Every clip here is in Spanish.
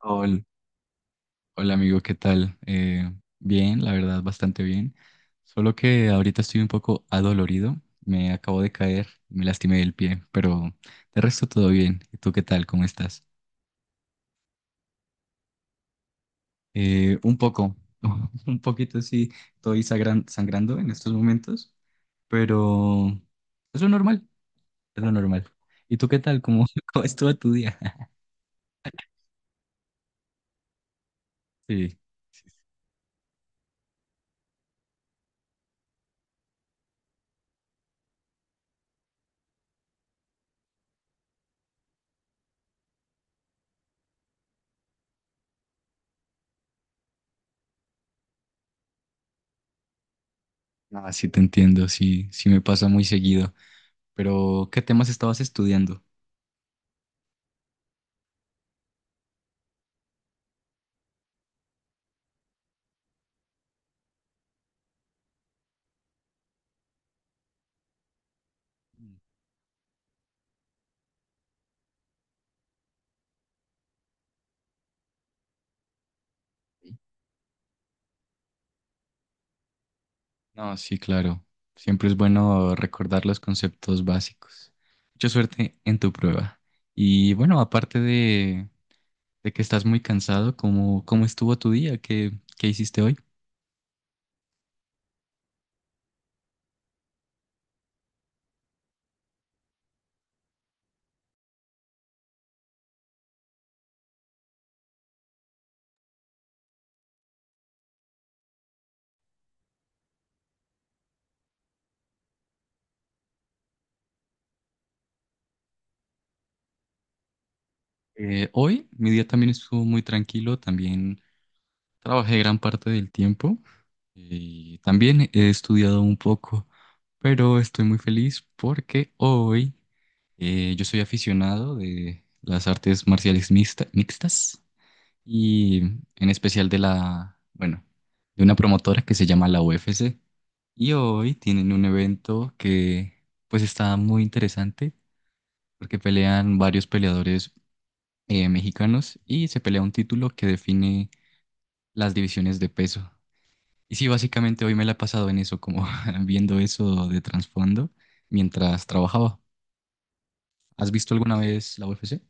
Hol- Hola, amigo, ¿qué tal? Bien, la verdad, bastante bien. Solo que ahorita estoy un poco adolorido. Me acabo de caer, me lastimé el pie, pero de resto todo bien. ¿Y tú qué tal? ¿Cómo estás? Un poco, un poquito sí, estoy sangrando en estos momentos, pero es lo normal, es lo normal. ¿Y tú qué tal? ¿Cómo, cómo estuvo tu día? Sí, no, sí te entiendo, sí, sí me pasa muy seguido. Pero, ¿qué temas estabas estudiando? No, sí, claro. Siempre es bueno recordar los conceptos básicos. Mucha suerte en tu prueba. Y bueno, aparte de que estás muy cansado, ¿cómo estuvo tu día? ¿Qué hiciste hoy? Hoy mi día también estuvo muy tranquilo, también trabajé gran parte del tiempo y también he estudiado un poco, pero estoy muy feliz porque hoy yo soy aficionado de las artes marciales mixtas. Y en especial de la, bueno, de una promotora que se llama la UFC. Y hoy tienen un evento que pues está muy interesante porque pelean varios peleadores mexicanos y se pelea un título que define las divisiones de peso. Y sí, básicamente hoy me la he pasado en eso, como viendo eso de trasfondo mientras trabajaba. ¿Has visto alguna vez la UFC?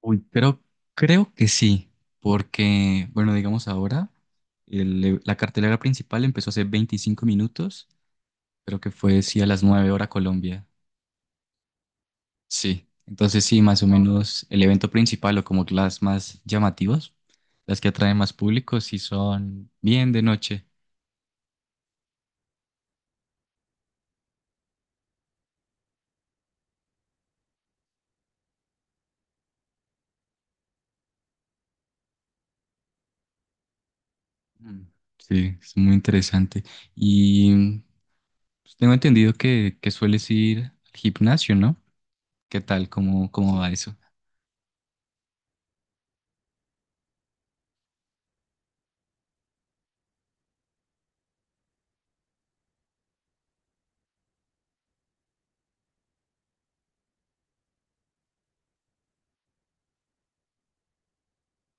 Uy, creo, creo que sí, porque, bueno, digamos ahora, la cartelera principal empezó hace 25 minutos, creo que fue, sí, a las 9 horas Colombia. Sí, entonces sí, más o menos el evento principal o como que las más llamativas, las que atraen más público, sí son bien de noche. Mm, sí, es muy interesante. Y pues, tengo entendido que sueles ir al gimnasio, ¿no? ¿Qué tal? ¿Cómo va, sí, eso?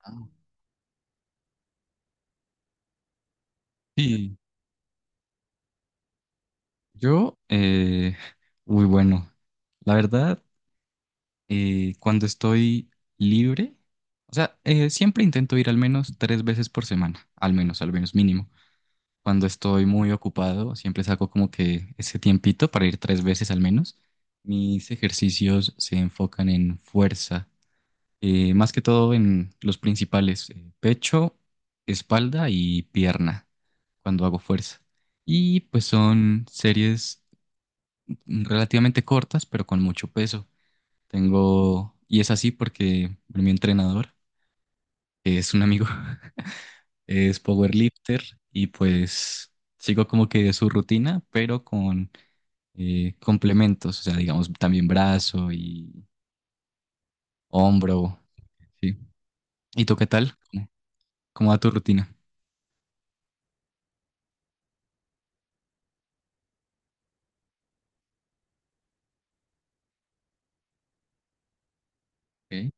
Ah, sí, Yo, uy, bueno, la verdad, cuando estoy libre, o sea, siempre intento ir al menos tres veces por semana, al menos mínimo. Cuando estoy muy ocupado, siempre saco como que ese tiempito para ir tres veces al menos. Mis ejercicios se enfocan en fuerza, más que todo en los principales, pecho, espalda y pierna, cuando hago fuerza. Y pues son series relativamente cortas, pero con mucho peso. Tengo, y es así porque mi entrenador, que es un amigo, es powerlifter y pues sigo como que su rutina, pero con complementos, o sea, digamos también brazo y hombro. Sí. ¿Y tú qué tal? ¿Cómo va tu rutina? Ok.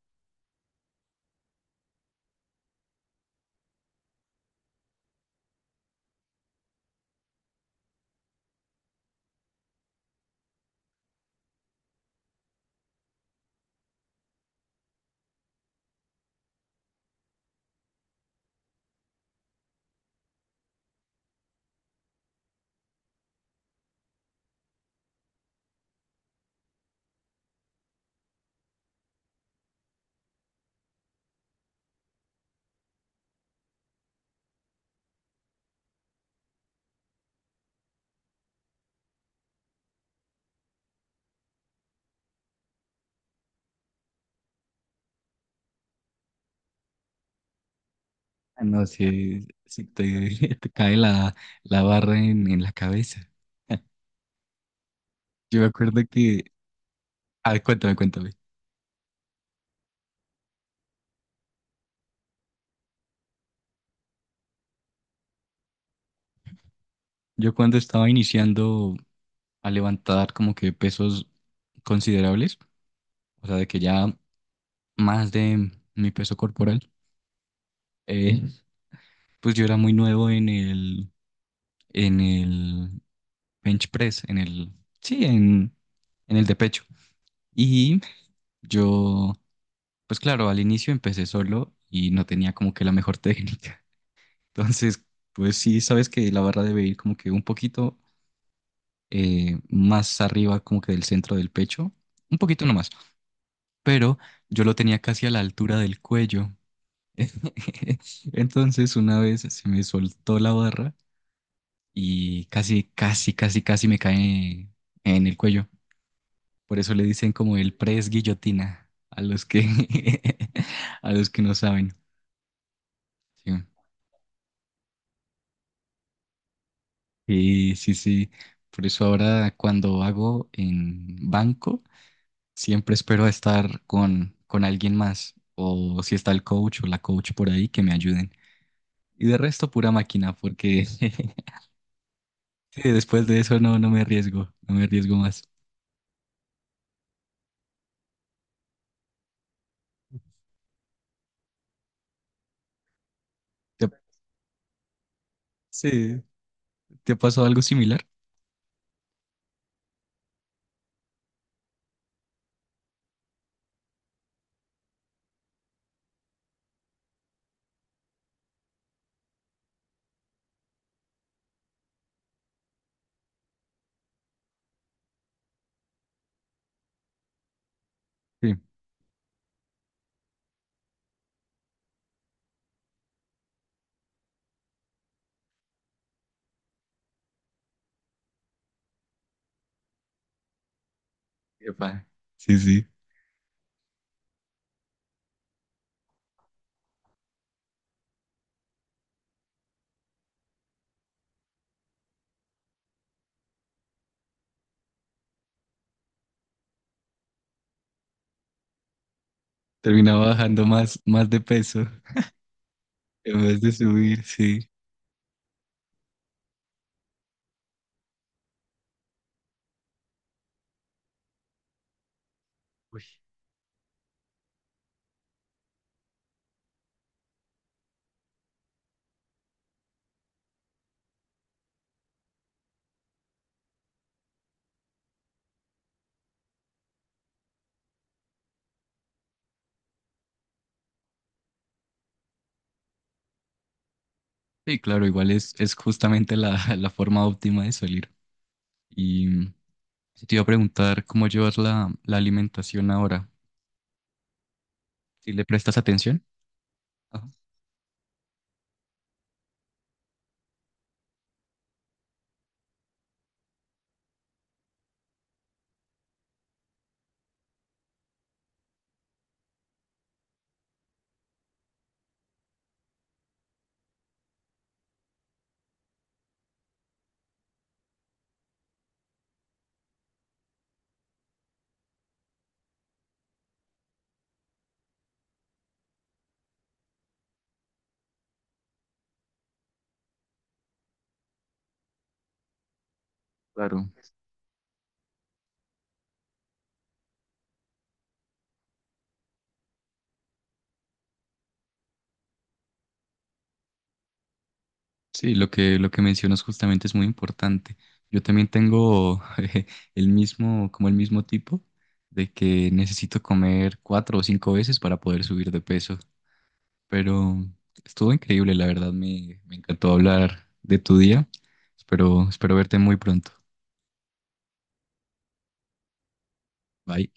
Ah, no, si te, te cae la barra en la cabeza. Yo me acuerdo que. Ah, cuéntame, cuéntame. Yo cuando estaba iniciando a levantar como que pesos considerables, o sea, de que ya más de mi peso corporal, Ujú. Pues yo era muy nuevo en el, en el bench press, sí, en el de pecho. Y yo, pues claro, al inicio empecé solo y no tenía como que la mejor técnica. Entonces, pues sí, sabes que la barra debe ir como que un poquito más arriba, como que del centro del pecho, un poquito nomás. Pero yo lo tenía casi a la altura del cuello. Entonces una vez se me soltó la barra y casi, casi, casi, casi me cae en el cuello. Por eso le dicen como el press guillotina a los que, a los que no saben. Sí. Y sí, sí. Por eso ahora cuando hago en banco, siempre espero a estar con alguien más. O si está el coach o la coach por ahí, que me ayuden. Y de resto, pura máquina, porque sí, después de eso no, no me arriesgo, no me arriesgo más. ¿Te ha- sí, ¿te ha pasado algo similar? Sí. Epa. Sí, sí. Terminaba bajando más de peso en vez de subir, sí. Uy. Sí, claro, igual es justamente la, la forma óptima de salir. Y mm, Te iba a preguntar cómo llevas la alimentación ahora, si le prestas atención. Ajá. Claro. Sí, lo que mencionas justamente es muy importante. Yo también tengo el mismo, como el mismo tipo, de que necesito comer cuatro o cinco veces para poder subir de peso. Pero estuvo increíble, la verdad, me encantó hablar de tu día. Espero, espero verte muy pronto. Bye.